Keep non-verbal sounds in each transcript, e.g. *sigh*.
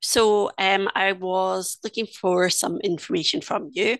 So I was looking for some information from you,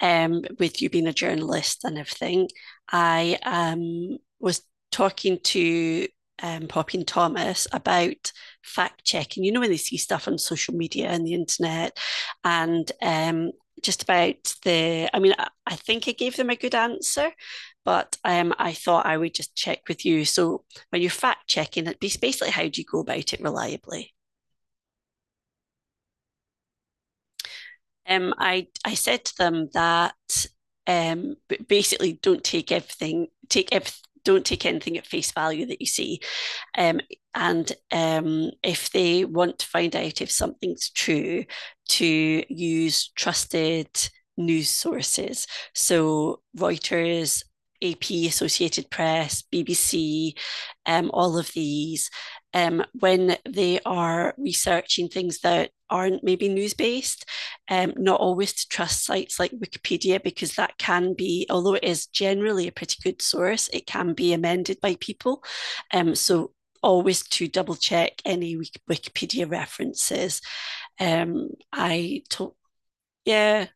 with you being a journalist and everything. I was talking to Poppy and Thomas about fact checking, when they see stuff on social media and the internet, and just about the, I think I gave them a good answer, but I thought I would just check with you. So when you're fact checking, it's basically how do you go about it reliably? I said to them that um, basically don't take everything take ev- don't take anything at face value that you see. Um, and If they want to find out if something's true, to use trusted news sources. So Reuters, AP, Associated Press, BBC, all of these, when they are researching things that aren't maybe news based, not always to trust sites like Wikipedia, because that can be, although it is generally a pretty good source, it can be amended by people. So always to double check any Wikipedia references. I told, yeah,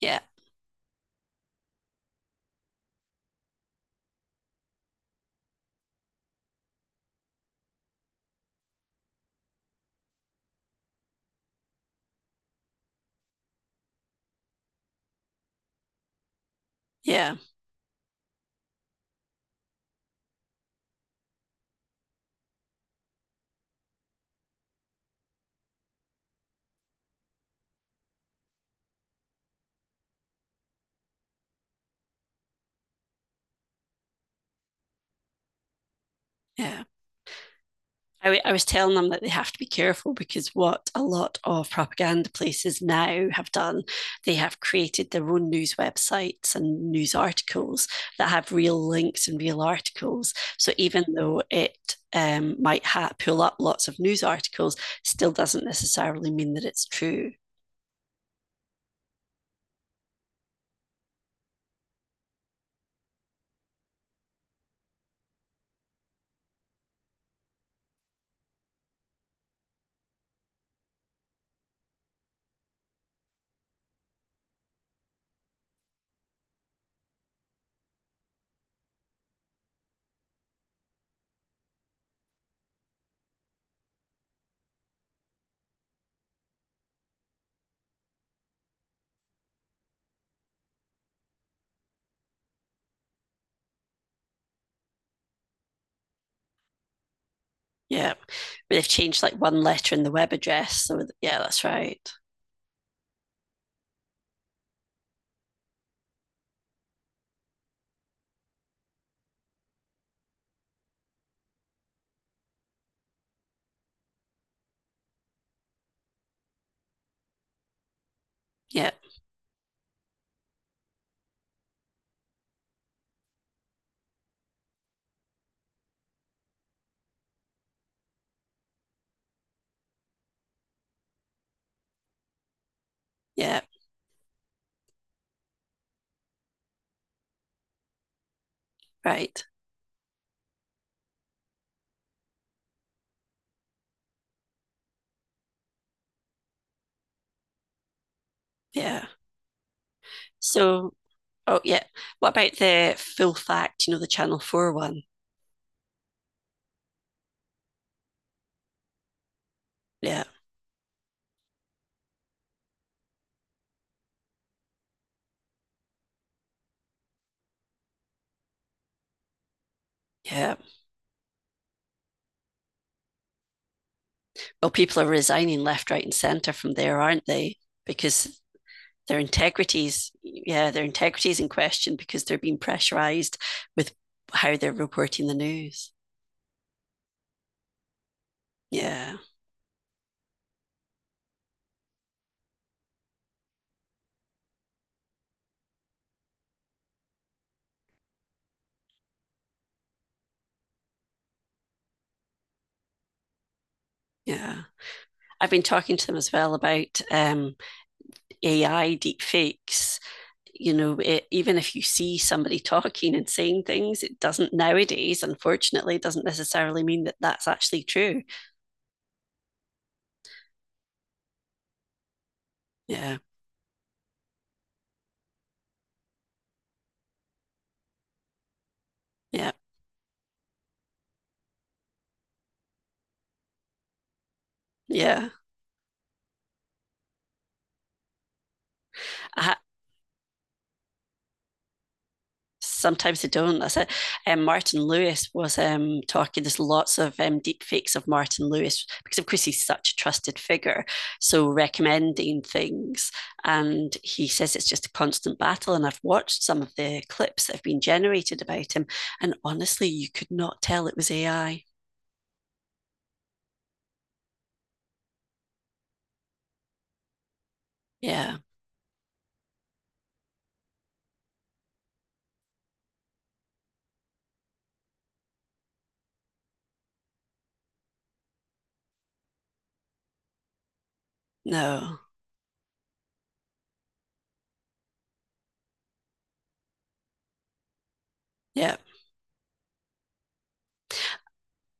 yeah, yeah, yeah. I was telling them that they have to be careful because what a lot of propaganda places now have done, they have created their own news websites and news articles that have real links and real articles. So even though it pull up lots of news articles, still doesn't necessarily mean that it's true. Yeah. But they've changed like one letter in the web address. Yeah, that's right. Yeah. Yeah. Right. Yeah. So, oh, yeah. What about the full fact, you know, the Channel 4 one? Yeah. Yeah. Well, people are resigning left, right, and centre from there, aren't they? Because their integrities, yeah, their integrity in question because they're being pressurised with how they're reporting the news. Yeah, yeah. I've been talking to them as well about AI deepfakes. You know, even if you see somebody *laughs* talking and saying things, it doesn't nowadays, unfortunately, doesn't necessarily mean that that's actually true. Yeah, yeah, yeah. I, sometimes they don't. That's it. Martin Lewis was talking. There's lots of deep fakes of Martin Lewis because, of course, he's such a trusted figure. So recommending things, and he says it's just a constant battle. And I've watched some of the clips that have been generated about him, and honestly, you could not tell it was AI. Yeah, no, yeah.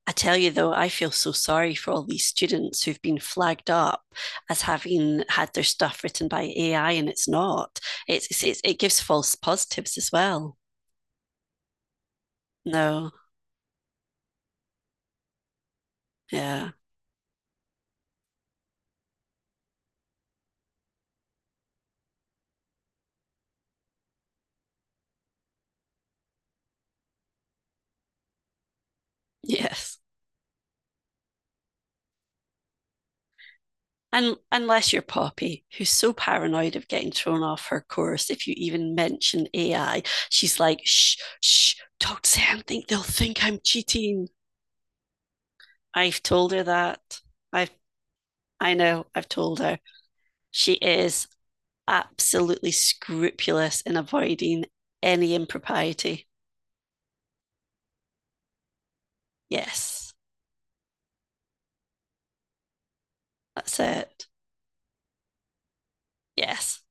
I tell you though, I feel so sorry for all these students who've been flagged up as having had their stuff written by AI and it's not. It gives false positives as well. No, yeah, yes. And unless you're Poppy, who's so paranoid of getting thrown off her course if you even mention AI, she's like, shh, shh, talk to Sam, think they'll think I'm cheating. I've told her that. I've I know, I've told her. She is absolutely scrupulous in avoiding any impropriety. Yes, that's it. Yes,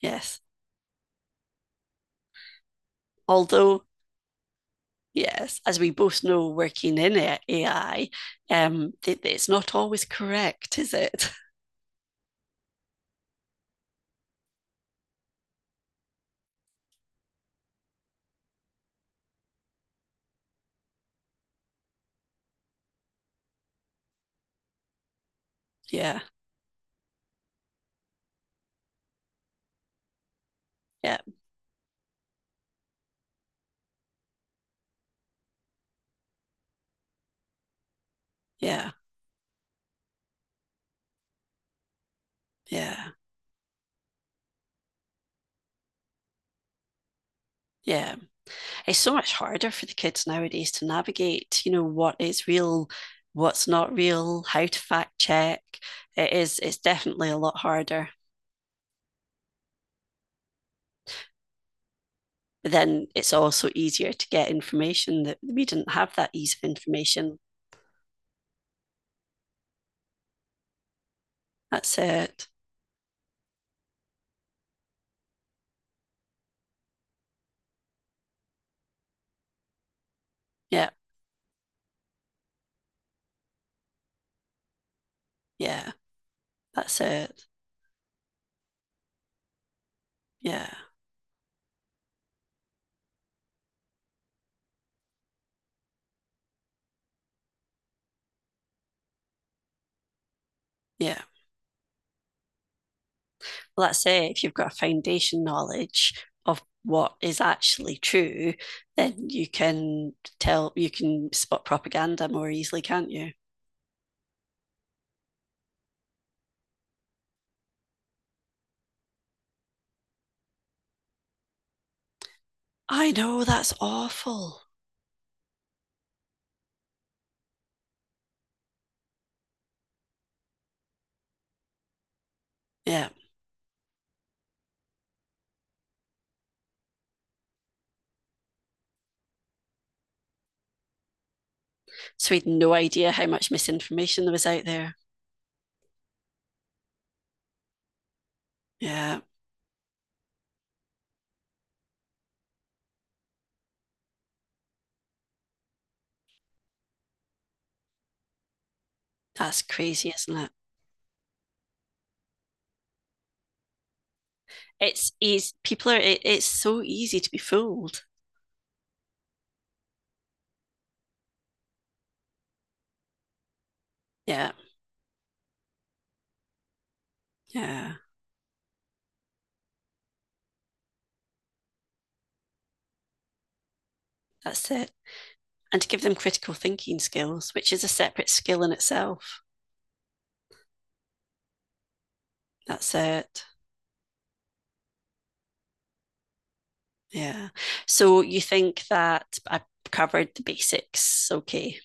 yes. Although, yes, as we both know, working in AI, it's not always correct, is it? *laughs* Yeah, yeah, yeah, yeah. Yeah, it's so much harder for the kids nowadays to navigate, you know, what is real, what's not real, how to fact check. It is, it's definitely a lot harder. But then it's also easier to get information that we didn't have that ease of information. That's it. Yeah, yeah, that's it. Yeah, yeah. Well, that's it. If you've got a foundation knowledge of what is actually true, then you can tell, you can spot propaganda more easily, can't you? I know, that's awful. Yeah. So we had no idea how much misinformation there was out there. Yeah. That's crazy, isn't it? It's easy. It's so easy to be fooled. Yeah, yeah, that's it. And to give them critical thinking skills, which is a separate skill in itself. That's it. Yeah. So you think that I covered the basics? Okay.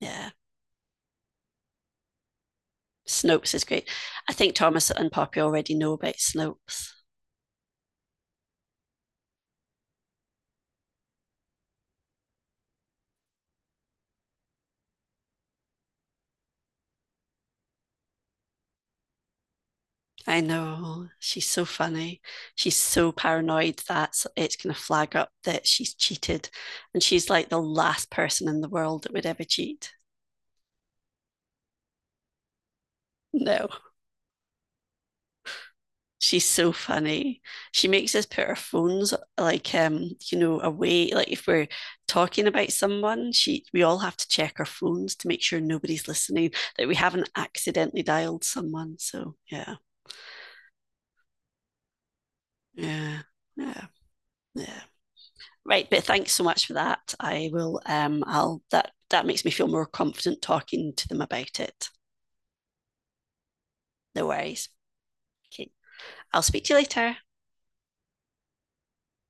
Yeah. Snopes is great. I think Thomas and Poppy already know about Snopes. I know. She's so funny. She's so paranoid that it's going to flag up that she's cheated. And she's like the last person in the world that would ever cheat. No. She's so funny. She makes us put our phones like away. Like if we're talking about someone, she we all have to check our phones to make sure nobody's listening, that we haven't accidentally dialed someone. So yeah, yeah, yeah, yeah. Right, but thanks so much for that. I'll that that makes me feel more confident talking to them about it. No worries. Okay. I'll speak to you later.